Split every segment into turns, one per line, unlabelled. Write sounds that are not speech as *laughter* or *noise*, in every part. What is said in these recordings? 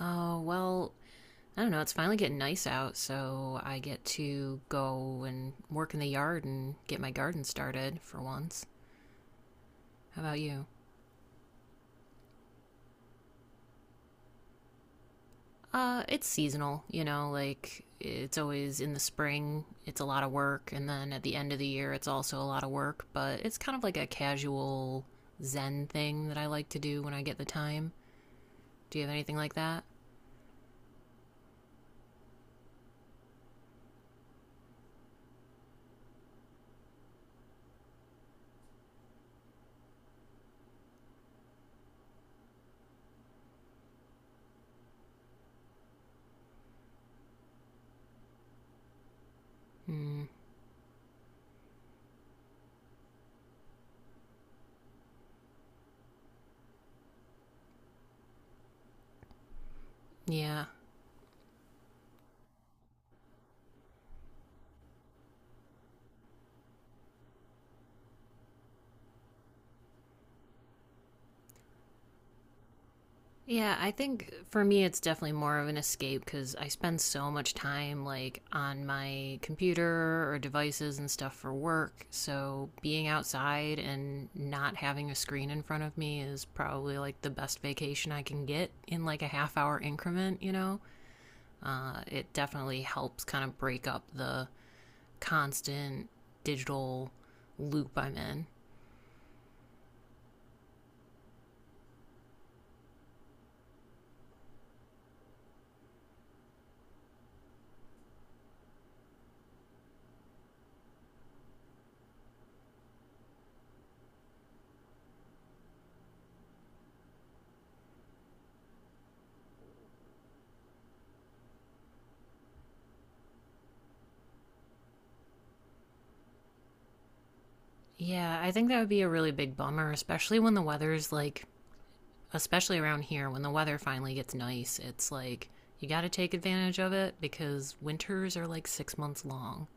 Oh, well, I don't know. It's finally getting nice out, so I get to go and work in the yard and get my garden started for once. How about you? It's seasonal, you know, like it's always in the spring, it's a lot of work, and then at the end of the year, it's also a lot of work, but it's kind of like a casual zen thing that I like to do when I get the time. Do you have anything like that? Mm, yeah, yeah, I think for me it's definitely more of an escape because I spend so much time like on my computer or devices and stuff for work. So being outside and not having a screen in front of me is probably like the best vacation I can get in like a half hour increment, you know? It definitely helps kind of break up the constant digital loop I'm in. Yeah, I think that would be a really big bummer, especially when the weather's like especially around here when the weather finally gets nice, it's like you got to take advantage of it because winters are like 6 months long.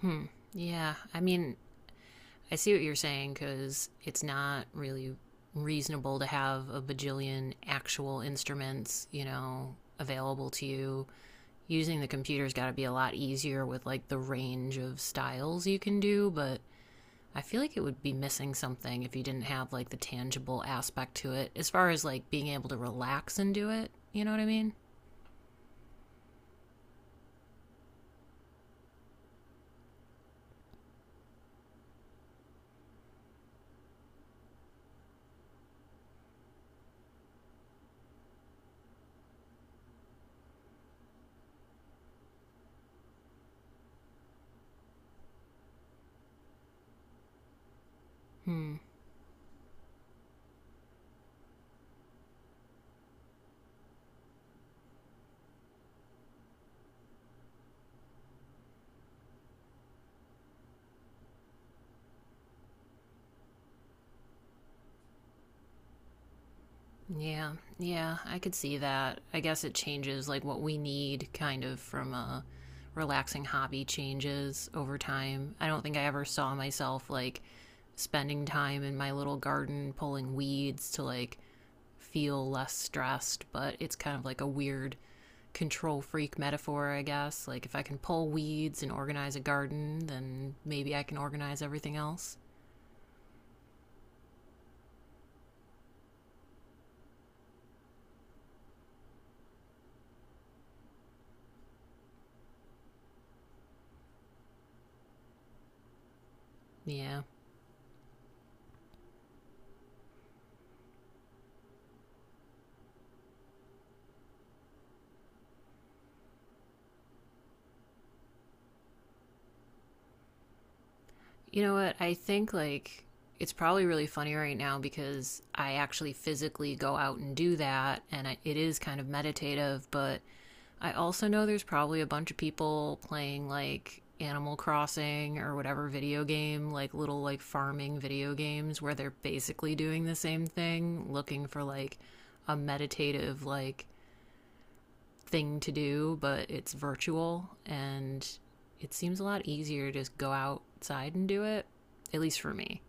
Hmm. Yeah. I mean, I see what you're saying because it's not really reasonable to have a bajillion actual instruments, you know, available to you. Using the computer's got to be a lot easier with like the range of styles you can do, but I feel like it would be missing something if you didn't have like the tangible aspect to it as far as like being able to relax and do it. You know what I mean? Hmm. Yeah. Yeah, I could see that. I guess it changes like what we need kind of from a relaxing hobby changes over time. I don't think I ever saw myself like spending time in my little garden pulling weeds to like feel less stressed, but it's kind of like a weird control freak metaphor, I guess. Like, if I can pull weeds and organize a garden, then maybe I can organize everything else. Yeah. You know what? I think, like, it's probably really funny right now because I actually physically go out and do that, and it is kind of meditative, but I also know there's probably a bunch of people playing like Animal Crossing or whatever video game, like little like farming video games where they're basically doing the same thing, looking for like a meditative like thing to do, but it's virtual and it seems a lot easier to just go outside and do it, at least for me.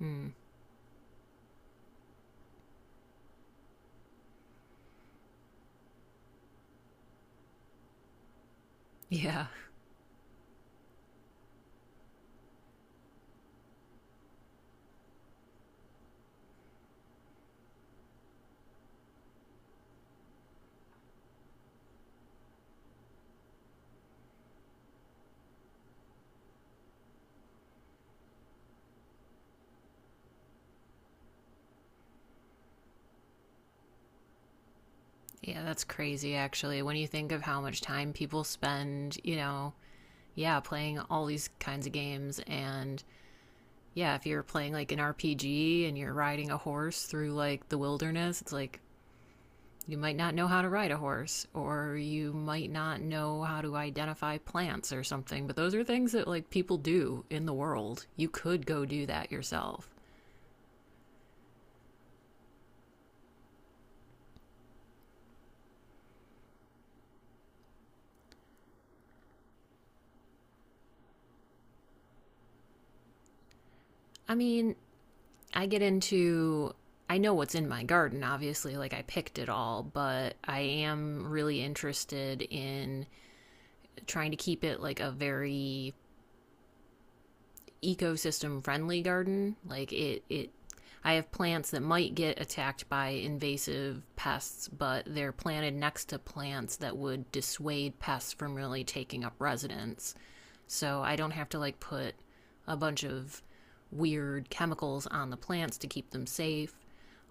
Mm. *laughs* Yeah. Yeah, that's crazy actually. When you think of how much time people spend, you know, yeah, playing all these kinds of games and yeah, if you're playing like an RPG and you're riding a horse through like the wilderness, it's like you might not know how to ride a horse or you might not know how to identify plants or something, but those are things that like people do in the world. You could go do that yourself. I mean, I get into I know what's in my garden, obviously, like I picked it all, but I am really interested in trying to keep it like a very ecosystem friendly garden. I have plants that might get attacked by invasive pests, but they're planted next to plants that would dissuade pests from really taking up residence. So I don't have to like put a bunch of weird chemicals on the plants to keep them safe.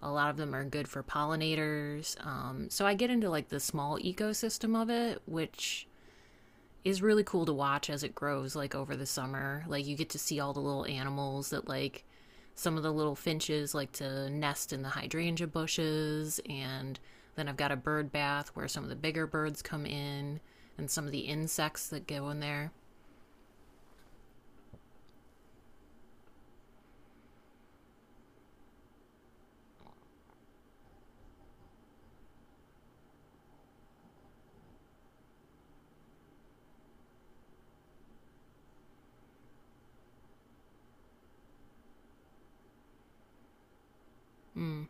A lot of them are good for pollinators. So I get into like the small ecosystem of it, which is really cool to watch as it grows like over the summer. Like you get to see all the little animals that like some of the little finches like to nest in the hydrangea bushes, and then I've got a bird bath where some of the bigger birds come in and some of the insects that go in there. Mm.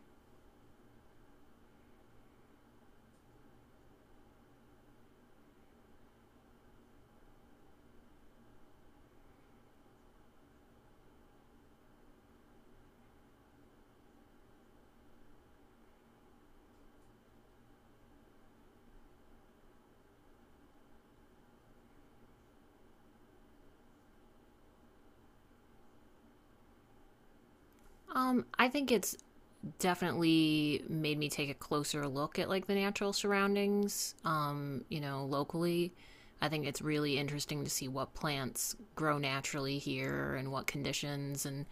I think it's definitely made me take a closer look at like the natural surroundings, you know, locally. I think it's really interesting to see what plants grow naturally here and what conditions. And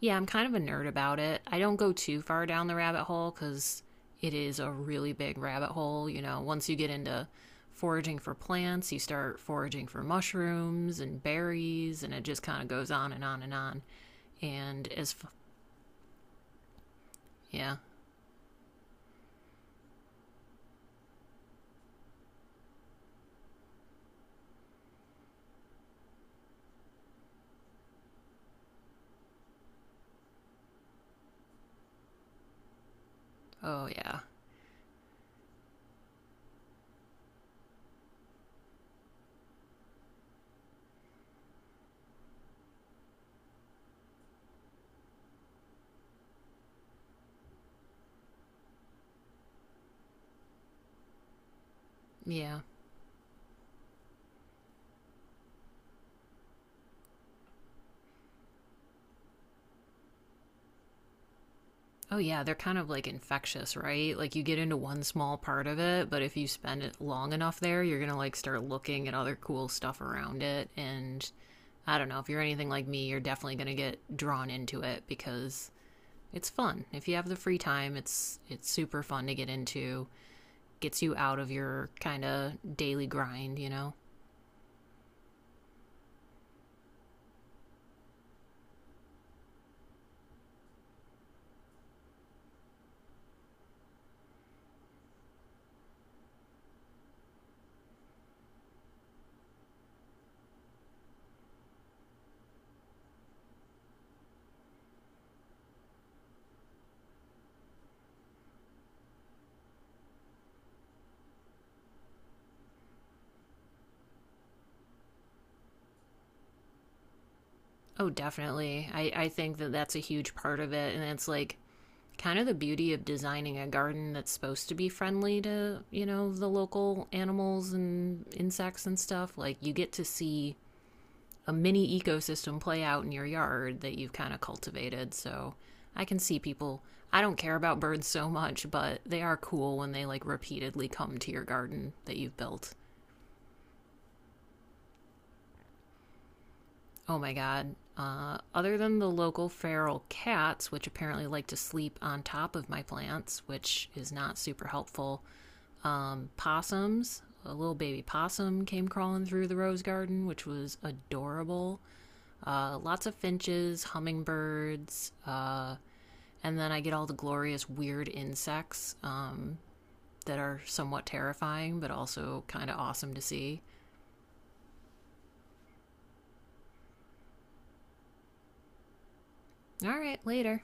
yeah, I'm kind of a nerd about it. I don't go too far down the rabbit hole because it is a really big rabbit hole, you know. Once you get into foraging for plants, you start foraging for mushrooms and berries, and it just kind of goes on and on and on. and as f- yeah. Oh yeah. Yeah. Oh, yeah, they're kind of like infectious, right? Like you get into one small part of it, but if you spend it long enough there, you're gonna like start looking at other cool stuff around it. And I don't know, if you're anything like me, you're definitely gonna get drawn into it because it's fun. If you have the free time, it's super fun to get into. Gets you out of your kind of daily grind, you know? Oh, definitely. I think that that's a huge part of it. And it's like kind of the beauty of designing a garden that's supposed to be friendly to, you know, the local animals and insects and stuff. Like, you get to see a mini ecosystem play out in your yard that you've kind of cultivated. So, I can see people. I don't care about birds so much, but they are cool when they like repeatedly come to your garden that you've built. Oh my god. Other than the local feral cats, which apparently like to sleep on top of my plants, which is not super helpful, possums. A little baby possum came crawling through the rose garden, which was adorable. Lots of finches, hummingbirds, and then I get all the glorious weird insects, that are somewhat terrifying, but also kind of awesome to see. All right, later.